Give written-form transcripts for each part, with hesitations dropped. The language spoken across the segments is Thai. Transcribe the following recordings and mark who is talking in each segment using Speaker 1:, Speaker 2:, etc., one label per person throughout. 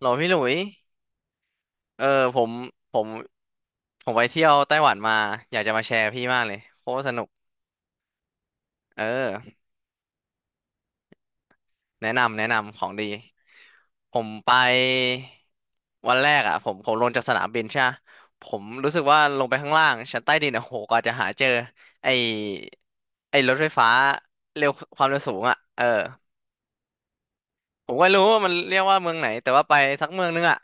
Speaker 1: หลอพี่หลุยเออผมผมผมไปเที่ยวไต้หวันมาอยากจะมาแชร์พี่มากเลยโคตรสนุกเออแนะนำของดีผมไปวันแรกอ่ะผมลงจากสนามบินใช่ปะผมรู้สึกว่าลงไปข้างล่างชั้นใต้ดินอ่ะโหกว่าจะหาเจอไอไอรถไฟฟ้าเร็วความเร็วสูงอ่ะเออผมก็ไม่รู้ว่ามันเรียกว่าเมืองไหนแต่ว่าไปสักเมืองนึงอ่ะ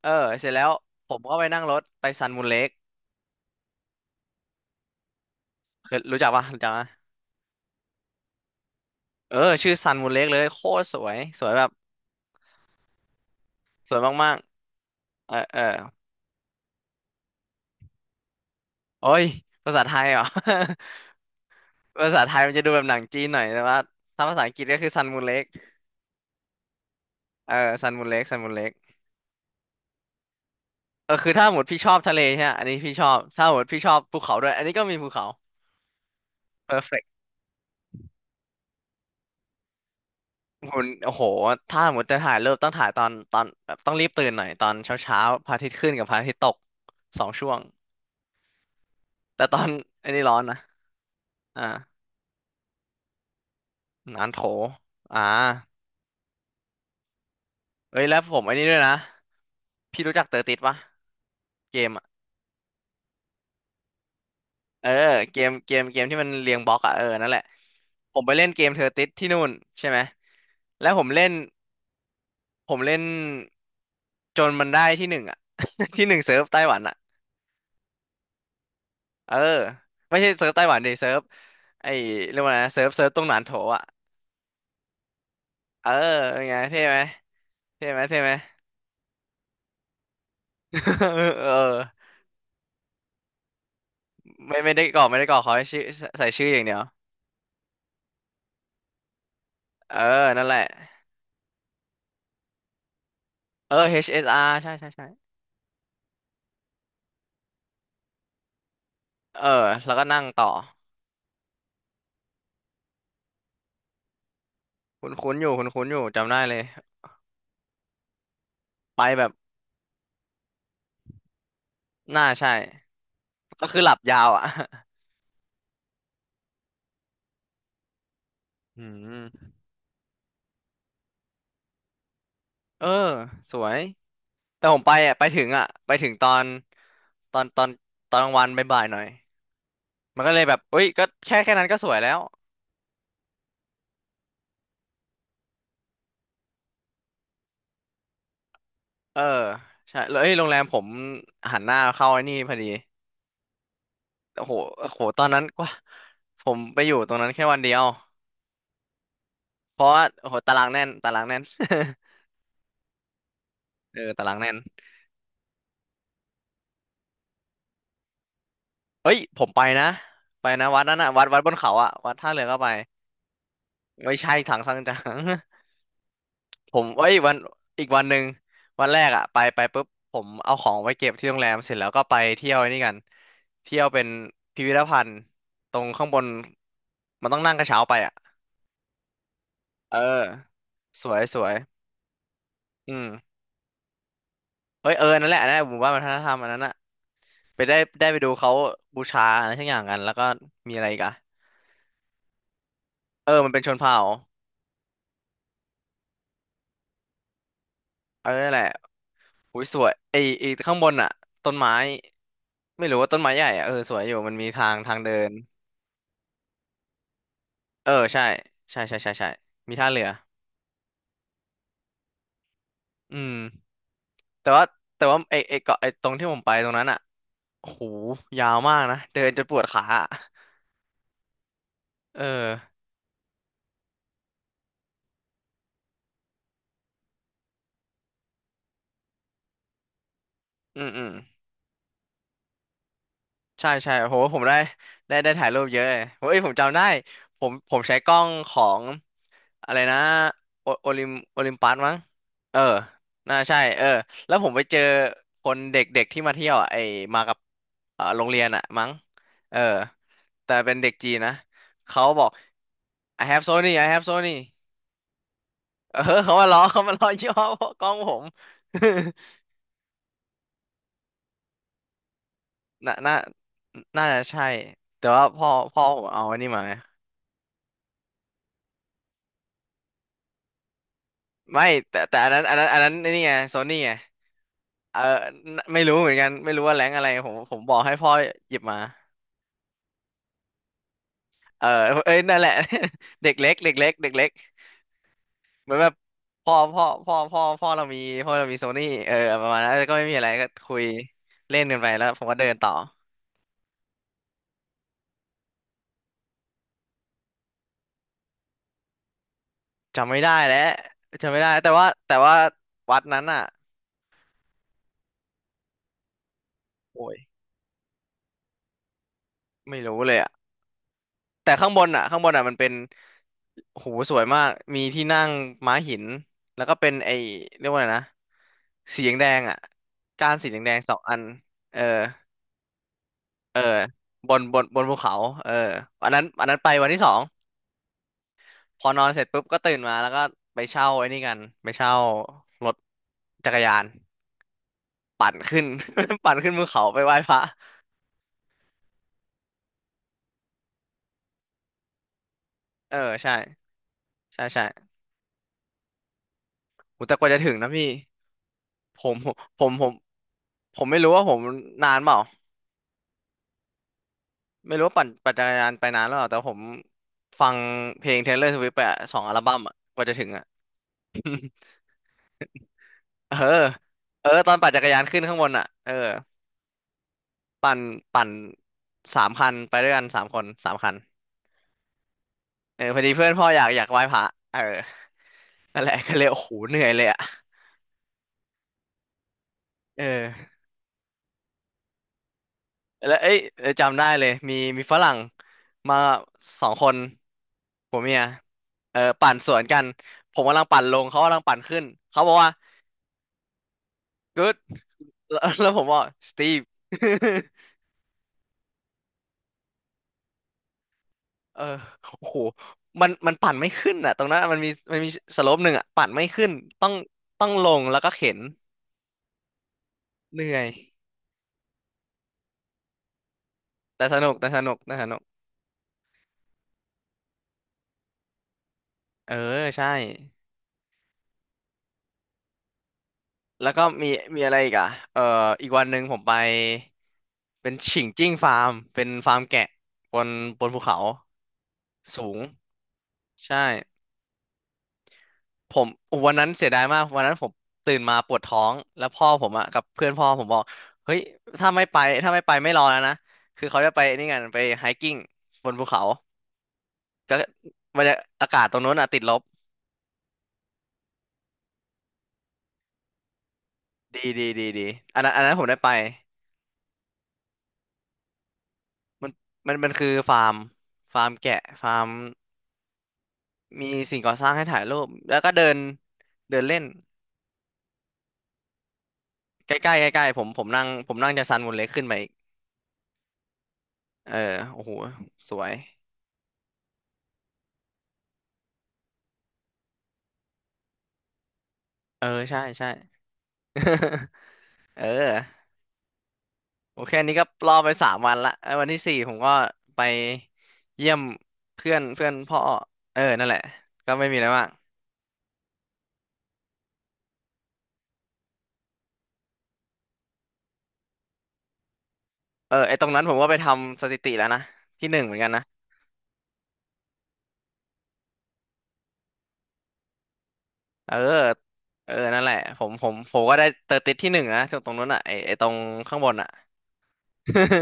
Speaker 1: เออเสร็จแล้วผมก็ไปนั่งรถไปซันมูนเลคเคยรู้จักปะรู้จัก เออชื่อซันมูนเล็กเลยโคตรสวยสวยแบบสวยมากๆเออเออโอ้ยภาษาไทยเหรอ ภาษาไทยมันจะดูแบบหนังจีนหน่อยแต่ว่าถ้าภาษาอังกฤษก็คือซันมูนเล็กเออซันมูนเล็กซันมูนเล็กเออคือถ้าหมดพี่ชอบทะเลใช่ไหมอันนี้พี่ชอบถ้าหมดพี่ชอบภูเขาด้วยอันนี้ก็มีภูเขา perfect หุ่นโอ้โหถ้าหมดจะถ่ายเริ่มต้องถ่ายตอนแบบต้องรีบตื่นหน่อยตอนเช้าเช้าพระอาทิตย์ขึ้นกับพระอาทิตย์ตกสองช่วงแต่ตอนอันนี้ร้อนนะอ่าหนานโถอ่า เอ้ยแล้วผมไอ้นี่ด้วยนะพี่รู้จักเตอร์ติดปะเกมอะเออเกมที่มันเรียงบล็อกอะเออนั่นแหละผมไปเล่นเกมเทอร์ติสที่นู่นใช่ไหมแล้วผมเล่นจนมันได้ที่หนึ่งอะ ที่หนึ่งเซิร์ฟไต้หวันอะเออไม่ใช่เซิร์ฟไต้หวันดิเซิร์ฟไอ้เรียกว่าไงนะเซิร์ฟตรงหนานโถอะเออเป็นไงเท่ไหมเท่ไหมเท่ไหม เออไม่ได้กรอกไม่ได้กรอกขอให้ชื่อใส่ชื่ออย่างเดียวเออนั่นแหละเออ HSR ใช่ใช่ใช่ เออแล้วก็นั่งต่อ คุ้นคุ้นอยู่คุ้นคุ้นอยู่จำได้เลย ไปแบบน่าใช่ ก็คือหลับยาวอ่ะ อืมเออสวยแต่ผมไปอ่ะไปถึงอ่ะไปถึงตอนตอนตอนกลางวันบ่ายๆหน่อยมันก็เลยแบบเอ้ยก็แค่นั้นก็สวยแล้วเออใช่แล้วเอ้ยโรงแรมผมหันหน้าเข้าไอ้นี่พอดีโอ้โหโอ้โหตอนนั้นกว่าผมไปอยู่ตรงนั้นแค่วันเดียว เพราะว่าโอ้โหตารางแน่นตารางแน่น เออตารางแน่น เอ้ยผมไปนะวัดนั้นนะวัดบนเขาอะวัดท่าเรือก็ไปไม่ใช่ถังซังจัง ผมเอ้ยวันอีกวันหนึ่งวันแรกอะไปไปปุ๊บผมเอาของไว้เก็บที่โรงแรมเสร็จแล้วก็ไปเที่ยวไอ้นี่กันเที่ยวเป็นพิพิธภัณฑ์ตรงข้างบนมันต้องนั่งกระเช้าไปอะเออสวยสวยอืมเอ้ยเออนั่นแหละหมู่บ้านวัฒนธรรมอันนั้นอะไปได้ไปดูเขาบูชาอะไรทั้งอย่างกันแล้วก็มีอะไรอีกอะเออมันเป็นชนเผ่าเออนั่นแหละ อุ้ยสวยไอข้างบนอ่ะต้นไม้ไม่รู้ว่าต้นไม้ใหญ่อ่ะเออสวยอยู่มันมีทางทางเดินเออใช่ใช่ใช่ใช่ใช่มีท่าเรืออืมแต่ว่าแต่ว่าไอเกาะไอตรงที่ผมไปตรงนั้นอ่ะโอ้โหยาวมากนะเดินจนปวดขาอะเอออืมอืม ใช่ใช่โหผมได้ถ่ายรูปเยอะเลยเ้ยผมจำได้ผมใช้กล้องของอะไรนะโอลิมปัสมั้งเออน่าใช่เออแล้วผมไปเจอคนเด็กๆที่มาเที่ยวอ่ะไอมากับโรงเรียนอ่ะมั้งเออแต่เป็นเด็กจีนนะเขาบอก I have Sony I have Sony เออเขามาล้อ เขามาล้อยี่ห้อกล้องผม น่าน่าน่าจะใช่แต่ว่าพ่อผมเอาอันนี้มาไง ไม่แต่อันนั้นนี่ไงโซนี่ไงเออไม่รู้เหมือนกันไม่รู้ว่าแรงอะไรผมบอกให้พ่อหยิบมาเออเอ้ยนั่นแหละ เด็กเล็กเด็กเล็กเด็กเล็กเหมือนแบบพ่อพ่อพ่อพ่อพ่อเรามีพ่อเรามีโซนี่เออประมาณนั้นแล้วก็ไม่มีอะไรก็คุยเล่นกันไปแล้วผมก็เดินต่อจำไม่ได้แล้วจำไม่ได้แต่ว่าวัดนั้นอ่ะโอ้ยไม่รู้เลยอ่ะแต่ข้างบนอ่ะมันเป็นโอ้โหสวยมากมีที่นั่งม้าหินแล้วก็เป็นไอ้เรียกว่าไงนะ สีแดงแดงอ่ะก้านสีแดงแดงสองอันเออเออบนภูเขาเอออันนั้นไปวันที่สองพอนอนเสร็จปุ๊บก็ตื่นมาแล้วก็ไปเช่าไอ้นี่กันไปเช่ารถจักรยานปั่นขึ้น ปั่นขึ้นภูเขาไปไหว้พระเออใช่ใช่ใช่โหแต่กว่าจะถึงนะพี่ผมผมผมผมไม่รู้ว่าผมนานเปล่าไม่รู้ว่าปั่นจักรยานไปนานหรือเปล่าแต่ผมฟังเพลง Taylor Swift ไปอะสองอัลบั้มอะกว่าจะถึงอะ เออเออตอนปั่นจักรยานขึ้นข้างบนอ่ะเออปั่นปั่นสามคันไปด้วยกันสามคนสามคันเออพอดีเพื่อนพ่ออยากไหว้พระเออนั่นแหละ ก็เลยโอ้โหเหนื่อยเลยอ่ะเออแล้วเอ้ยเออจำได้เลยมีฝรั่งมาสองคนผัวเมียเออปั่นสวนกันผมกำลังปั่นลงเขากำลังปั่นขึ้นเขาบอกว่า good แล้ว แล้วผมบอก Steve เออโอ้โห มันปั่นไม่ขึ้นอ่ะตรงนั้นมันมีสโลปหนึ่งอ่ะปั่นไม่ขึ้นต้องต้องลง แล้วก็เข็น เหนื่อยแต่สนุกเออ ใช่ แล้วก็มี มีอะไรอีกอ่ะเอออีกวันหนึ่งผมไป เป็นฉิงจิ้งฟาร์ม เป็นฟาร์มแกะบนบนภูเขาสูงใช่ ผมวันนั้นเสียดายมากวันนั้นผมตื่นมาปวดท้องแล้วพ่อผมอะกับเพื่อนพ่อผมบอกเฮ้ยถ้าไม่ไปถ้าไม่ไปไม่รอแล้วนะคือเขาจะไปนี่กันไปไฮกิ้งบนภูเขาก็บรรยาอากาศตรงนู้นอะติดลบดีดีอันนั้นอันนั้นผมได้ไปมันมันคือฟาร์มฟาร์มแกะฟาร์มมีสิ่งก่อสร้างให้ถ่ายรูปแล้วก็เดินเดินเล่นใกล้ใกล้ใกล้ๆผมนั่งผมนั่งจากซันมูนเล็กขึ้นไปอีกเออโอ้โหสวยเออใช่ใช่ เออ โอเคอันนี้ก็รอไปสามวันละไอ้วันที่สี่ผมก็ไปเยี่ยมเพื่อนเพื่อนพ่อเออนั่นแหละก็ไม่มีอะไรมากเออไอ้ตรงนั้นผมก็ไปทำสถิติแล้วนะที่หนึ่งเหมือนกันนะเออเออนั่นแหละผมก็ได้เตอร์ติดที่หนึ่งนะตรงนั้นอ่ะไอ้ตรงข้างบนอ่ะ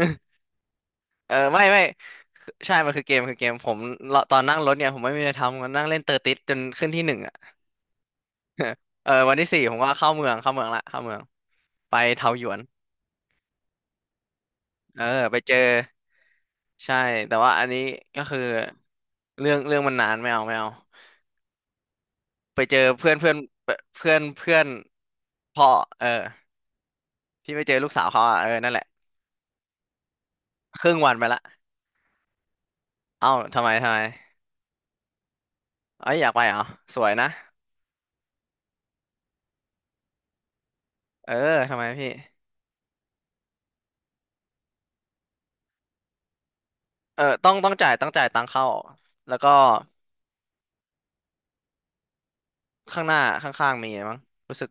Speaker 1: เออไม่คือใช่มันคือเกมคือเกมผมตอนนั่งรถเนี่ยผมไม่มีอะไรทำก็นั่งเล่นเตอร์ติดจนขึ้นที่หนึ่งอ่ะ เออวันที่สี่ผมก็เข้าเมืองเข้าเมืองละเข้าเมืองไปเทาหยวน เออไปเจอใช่แต่ว่าอันนี้ก็คือเรื่องมันนานไม่เอาไปเจอเพื่อนเพื่อนเพื่อนเพื่อนพ่อเออที่ไปเจอลูกสาวเขาอ่ะเออนั่นแหละครึ่งวันไปละเอ้าทำไมเอ้ยอยากไปเหรอสวยนะเออทำไมพี่เออต้องจ่ายต้องจ่ายตังค์เข้าแล้วก็ข้างหน้าข้างๆมีมั้งรู้สึก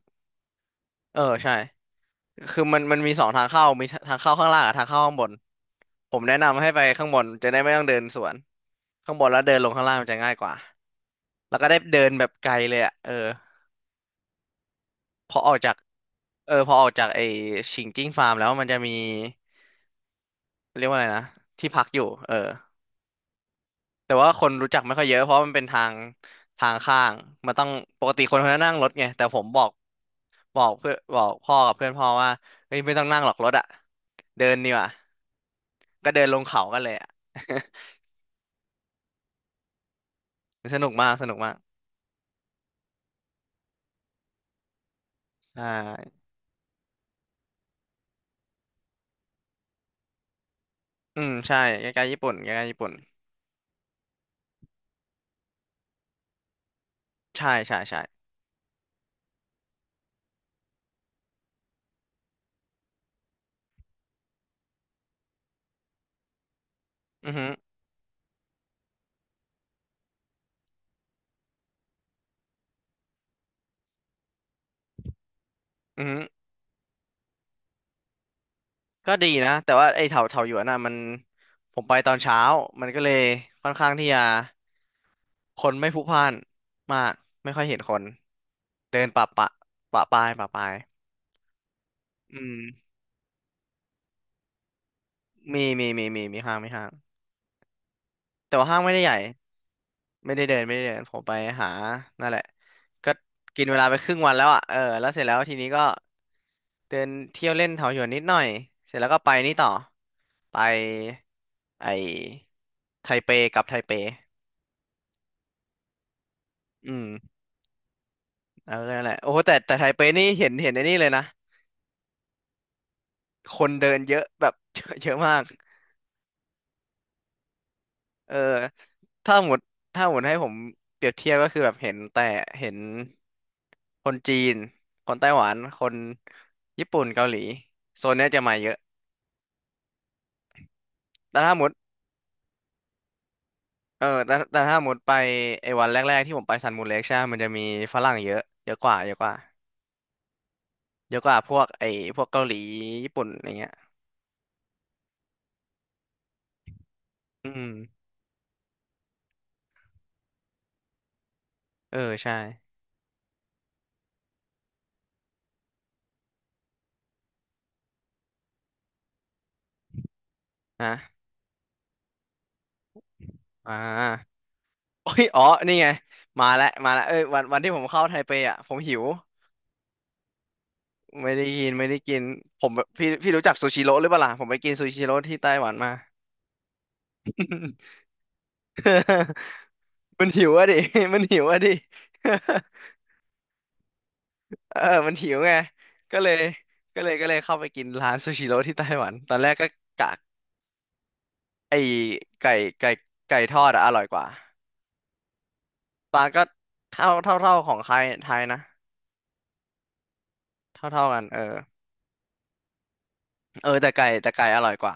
Speaker 1: เออใช่คือมันมีสองทางเข้ามีทางเข้าข้างล่างกับทางเข้าข้างบนผมแนะนำให้ไปข้างบนจะได้ไม่ต้องเดินสวนข้างบนแล้วเดินลงข้างล่างมันจะง่ายกว่า แล้วก็ได้เดินแบบไกลเลยอ่ะเออพอออกจากเออพอออกจากไอ้ชิงจิ้งฟาร์มแล้วมันจะมีเรียกว่าอะไรนะที่พักอยู่เออแต่ว่าคนรู้จักไม่ค่อยเยอะเพราะมันเป็นทางทางข้างมันต้องปกติคนเขาจะนั่งรถไงแต่ผมบอกบอกเพื่อนบอกพ่อกับเพื่อนพ่อว่าเฮ้ยไม่ต้องนั่งหรอกรถอ่ะเดินดีกว่าก็เดินลงเขากันเลยอ่ะ สนุกมากใช่อืมใช่ใกล้ๆญี่ปุ่นใกล้ๆญี่ปุ่นใช่อือฮึอือฮึ ก็ดีนะแต่ว่าไอ้เถาหยวนน่ะมันผมไปตอนเช้ามันก็เลยค่อนข้างที่จะคนไม่พลุกพล่านมากไม่ค่อยเห็นคนเดินปะปายอืมมีห้างแต่ว่าห้างไม่ได้ใหญ่ไม่ได้เดินผมไปหานั่นแหละก็กินเวลาไปครึ่งวันแล้วอ่ะเออแล้วเสร็จแล้วทีนี้ก็เดินเที่ยวเล่นเถาหยวนนิดหน่อยเสร็จแล้วก็ไปนี่ต่อไปไอไทเป อืมเออนั่นแหละโอ้โหแต่ไทเปนี่เห็นไอ้นี่เลยนะคนเดินเยอะแบบ เยอะมากเออถ้าหมดถ้าหมดให้ผมเปรียบเทียบก็คือแบบเห็นแต่เห็นคนจีนคนไต้หวันคนญี่ปุ่นเกาหลีโซนเนี้ยจะมาเยอะแต่ถ้าหมดเออแต่ถ้าหมดไปไอ้วันแรกๆที่ผมไปซันมูนเล็กใช่ไหมมันจะมีฝรั่งเยอะเยอะกว่าพวกไอ้พวกเกาหลีญี่ปุ่นอะไรเงี้ยอืมเออใช่นะอ่า โอ้ยอ๋อนี่ไงมาแล้วมาแล้วเอ้ยวันที่ผมเข้าไทเปอ่ะผมหิวไม่ได้กินไม่ได้กินผมพี่พี่รู้จักซูชิโร่หรือเปล่าล่ะผมไปกินซูชิโร่ที่ไต้หวันมา มันหิวอะดิ มันหิวอะดิ เออมันหิวไงก็เลยก็เลยเข้าไปกินร้านซูชิโร่ที่ไต้หวันตอนแรกก็กะไอไก่ไก่ไก่ทอดอะอร่อยกว่าปลาก็เท่าของไทยนะเท่ากันเออเออแต่ไก่อร่อยกว่า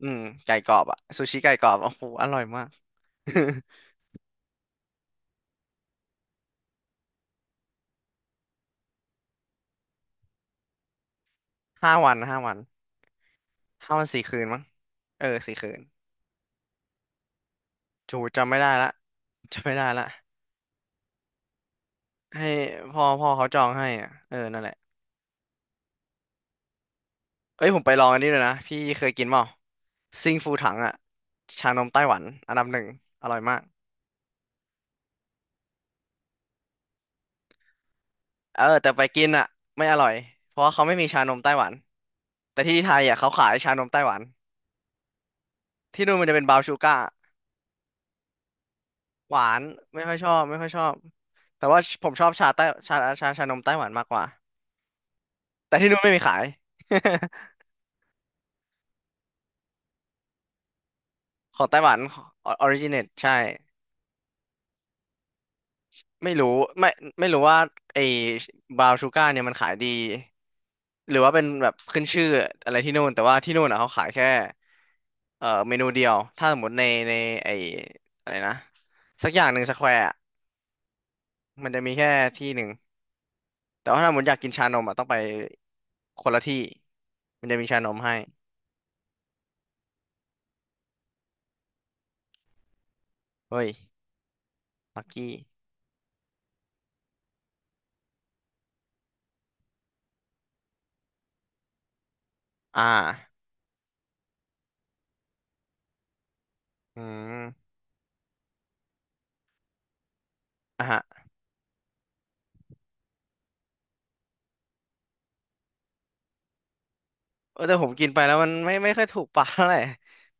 Speaker 1: อืมไก่กรอบอะซูชิไก่กรอบโอ้โหอร่อยมาก ห้าวันห้าวัน5 วัน 4 คืนมั้งเออสี่คืนจำไม่ได้ละจำไม่ได้ละให้พ่อเขาจองให้อ่ะเออนั่นแหละเอ้ยผมไปลองอันนี้เลยนะพี่เคยกินเปล่าซิงฟูถังอ่ะชานมไต้หวันอันดับหนึ่งอร่อยมากเออแต่ไปกินอ่ะไม่อร่อยเพราะว่าเขาไม่มีชานมไต้หวันแต่ที่ไทยอ่ะเขาขายชานมไต้หวันที่นู่นมันจะเป็นบราวน์ชูการ์ หวานไม่ค่อยชอบไม่ค่อยชอบแต่ว่าผมชอบชานมไต้หวันมากกว่าแต่ที่นู้นไม่มีขาย ของไต้หวันออริจิน AT ใช่ไม่รู้ไม่ไม่รู้ว่าไอ้บราวน์ชูการ์เนี่ยมันขายดีหรือว่าเป็นแบบขึ้นชื่ออะไรที่นู่นแต่ว่าที่นู่นอ่ะเขาขายแค่เมนูเดียวถ้าสมมติในไอ้อะไรนะสักอย่างหนึ่งสแควร์มันจะมีแค่ที่หนึ่งแต่ว่าถ้าสมมติอยากกินชานมอ่ะต้องไปคนละที่มันจะมีชานมให้ เฮ้ยลักกี้อ่าอืมอ่ะฮะเออแต่ผมกินไปแล้วมันไม่ไม่ค่อยถูกปากเท่าไหร่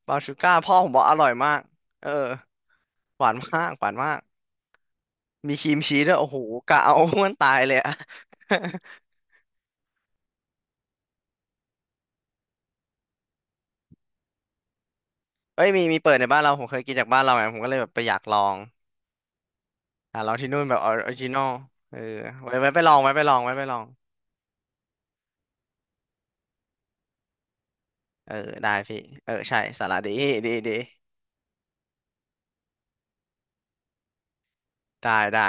Speaker 1: บาวชูก้าพ่อผมบอกอร่อยมากเออหวานมากหวานมากมีครีมชีสด้วยโอ้โหกะเอามันตายเลยอะ เอ้ยมีเปิดในบ้านเราผมเคยกินจากบ้านเราไงผมก็เลยแบบไปอยากลองอ่ะลองที่นู่นแบบออริจินอลเออไว้ไปลองไว้ไปลองไว้ไปลองเออได้พี่เออใช่สาระดีดีดีได้ได้